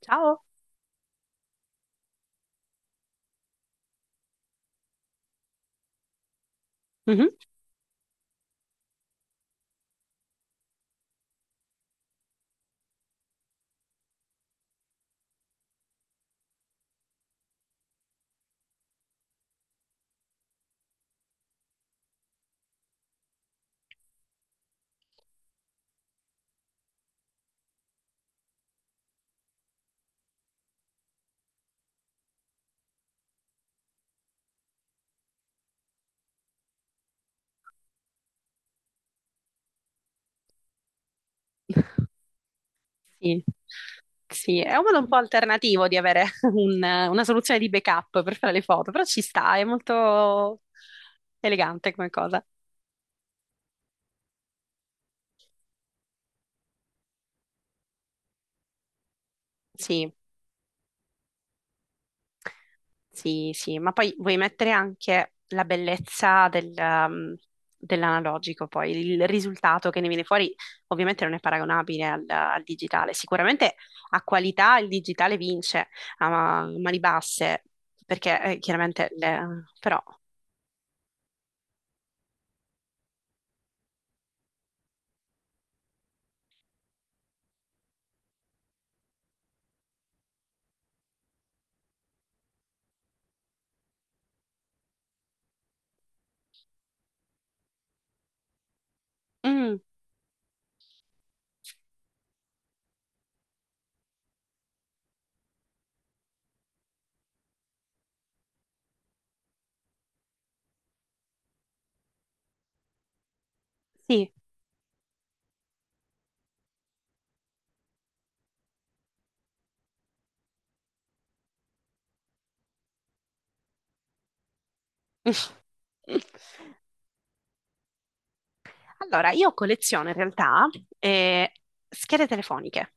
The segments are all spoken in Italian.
Ciao. Mhm. Sì. Sì, è un modo un po' alternativo di avere una soluzione di backup per fare le foto, però ci sta, è molto elegante come cosa. Sì, sì, sì, ma poi vuoi mettere anche la bellezza del, dell'analogico, poi il risultato che ne viene fuori ovviamente non è paragonabile al digitale, sicuramente a qualità il digitale vince a mani basse, perché chiaramente però... Mm. Sì. Allora, io colleziono in realtà eh, schede telefoniche.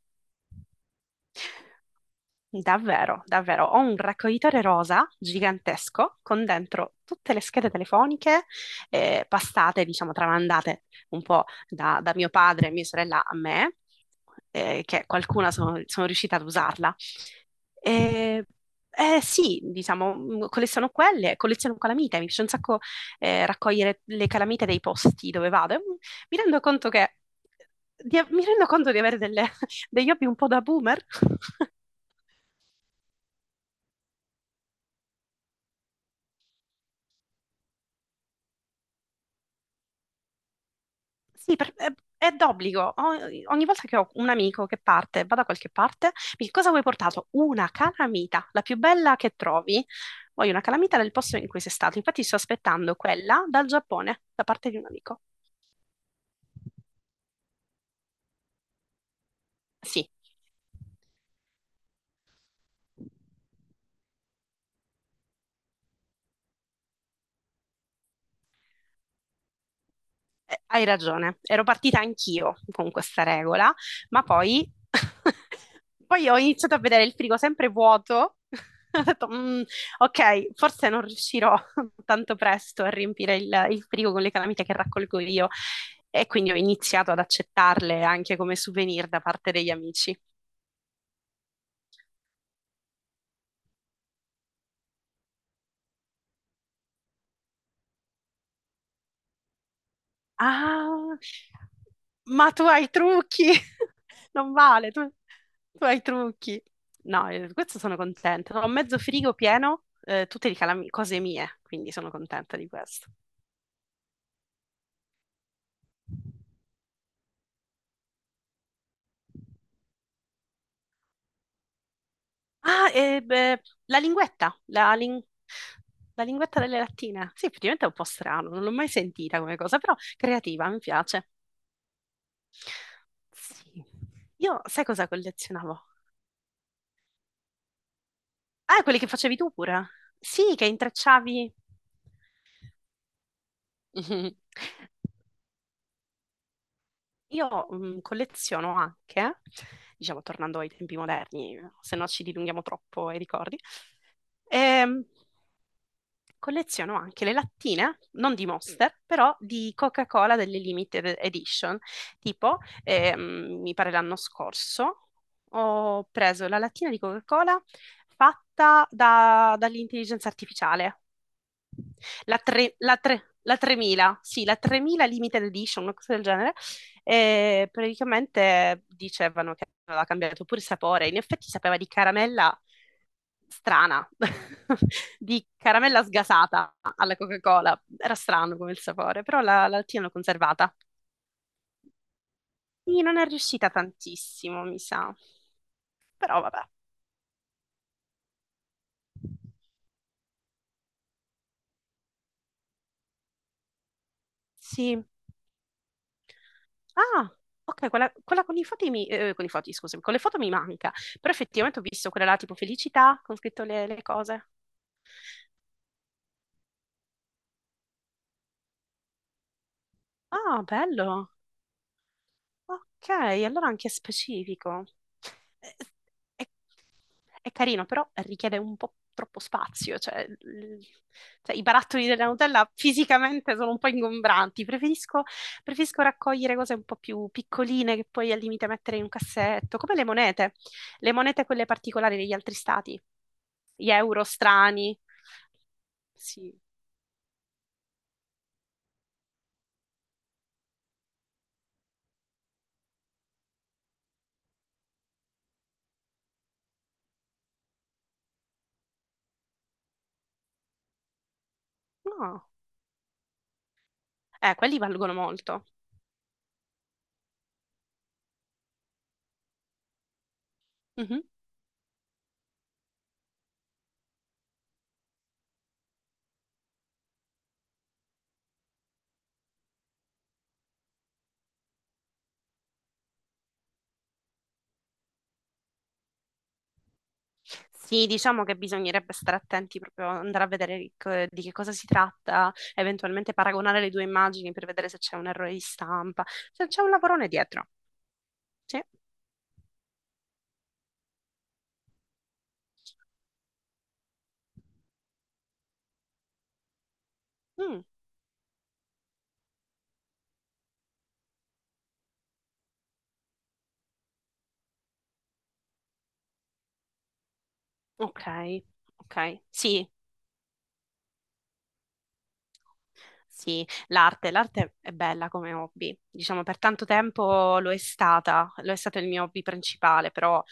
Davvero, davvero. Ho un raccoglitore rosa gigantesco con dentro tutte le schede telefoniche passate, diciamo, tramandate un po' da mio padre e mia sorella a me, che qualcuna sono riuscita ad usarla. Eh, sì, diciamo, colleziono quelle, colleziono calamite, mi piace un sacco raccogliere le calamite dei posti dove vado. E, mi rendo conto che, mi rendo conto di avere degli hobby un po' da boomer. Sì, è d'obbligo. Ogni volta che ho un amico che parte, va da qualche parte, mi dice, cosa vuoi portato? Una calamita, la più bella che trovi. Voglio una calamita del posto in cui sei stato. Infatti sto aspettando quella dal Giappone, da parte di un amico. Sì. Hai ragione, ero partita anch'io con questa regola, ma poi, poi ho iniziato a vedere il frigo sempre vuoto. Ho detto, "Mm, ok, forse non riuscirò tanto presto a riempire il frigo con le calamite che raccolgo io". E quindi ho iniziato ad accettarle anche come souvenir da parte degli amici. Ah, ma tu hai i trucchi! Non vale, tu hai i trucchi. No, questo sono contenta. Ho mezzo frigo pieno, tutte di cose mie, quindi sono contenta di questo. Ah, e beh, la, la linguetta delle lattine. Sì, effettivamente è un po' strano, non l'ho mai sentita come cosa, però creativa, mi piace. Sì. Io, sai cosa collezionavo? Ah, quelli che facevi tu pure? Sì, che intrecciavi. Mhm. Io mm, colleziono anche, diciamo, tornando ai tempi moderni, se no ci dilunghiamo troppo ai ricordi, ehm, colleziono anche le lattine, non di Monster, però di Coca-Cola delle Limited Edition. Tipo, mi pare l'anno scorso, ho preso la lattina di Coca-Cola fatta dall'intelligenza artificiale. La 3000, sì, la 3000 Limited Edition, una cosa del genere, e praticamente dicevano che aveva cambiato pure il sapore, in effetti sapeva di caramella strana, di caramella sgasata alla Coca-Cola, era strano come il sapore, però la lattina l'ho conservata. Quindi non è riuscita tantissimo, mi sa, però vabbè, sì. Ah, ok, quella con i foti, mi, con i foti, scusami, con le foto mi manca, però effettivamente ho visto quella là tipo felicità, con scritto le cose. Ah, bello. Ok, allora anche specifico. Eh, È, è carino, però richiede un po' troppo spazio, cioè, cioè, i barattoli della Nutella fisicamente sono un po' ingombranti. Preferisco, preferisco raccogliere cose un po' più piccoline che poi al limite mettere in un cassetto, come le monete quelle particolari degli altri stati, gli euro strani. Sì, no, quelli valgono molto. Mhm. Sì, diciamo che bisognerebbe stare attenti proprio andare a vedere di di che cosa si tratta, eventualmente paragonare le due immagini per vedere se c'è un errore di stampa, se c'è un lavorone dietro. Sì. Mm, ok, ok. Sì, sì, l'arte, l'arte è bella come hobby, diciamo per tanto tempo lo è stata, lo è stato il mio hobby principale, però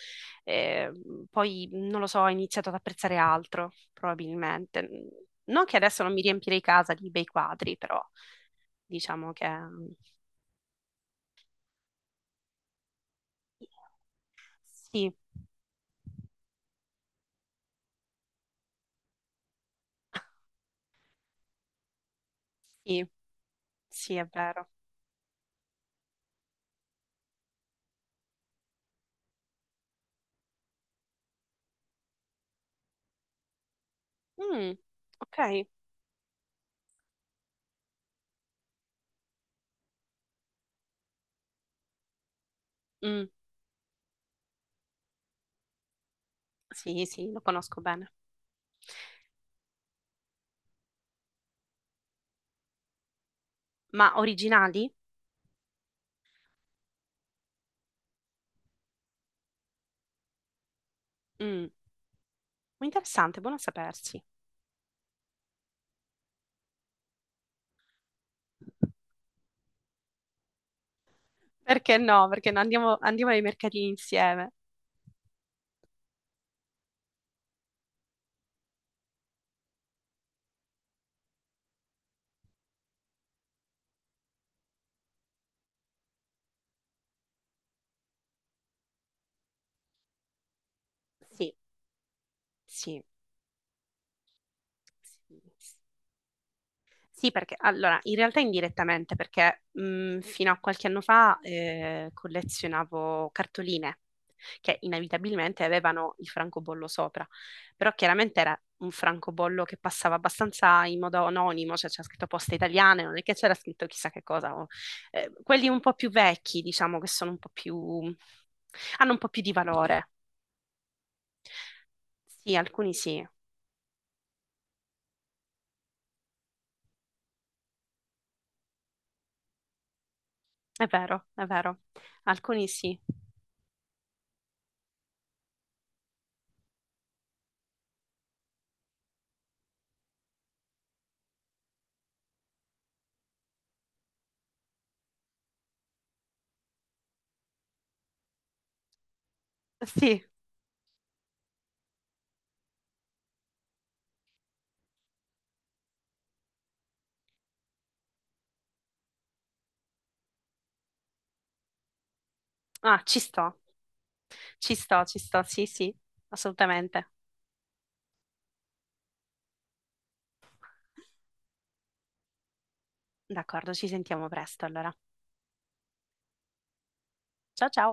eh, poi non lo so, ho iniziato ad apprezzare altro, probabilmente. Non che adesso non mi riempirei casa di bei quadri, però diciamo che mm, sì, sì, sì, è vero. Mm, ok. Mm, sì, sì, lo conosco bene. Ma originali? Mm, interessante, buono a sapersi. Perché no? Perché no? Andiamo, andiamo ai mercatini insieme. Sì, sì, sì. Sì, perché allora, in realtà indirettamente, perché fino a qualche anno fa collezionavo cartoline che inevitabilmente avevano il francobollo sopra, però chiaramente era un francobollo che passava abbastanza in modo anonimo, cioè c'era scritto poste italiane, non è che c'era scritto chissà che cosa. Eh, quelli un po' più vecchi, diciamo, che sono un po' più... hanno un po' più di valore. Sì, alcuni sì. È vero, è vero. Alcuni sì. Sì, ah, ci sto. Ci sto, ci sto. Sì, sì, assolutamente. D'accordo, ci sentiamo presto allora. Ciao ciao.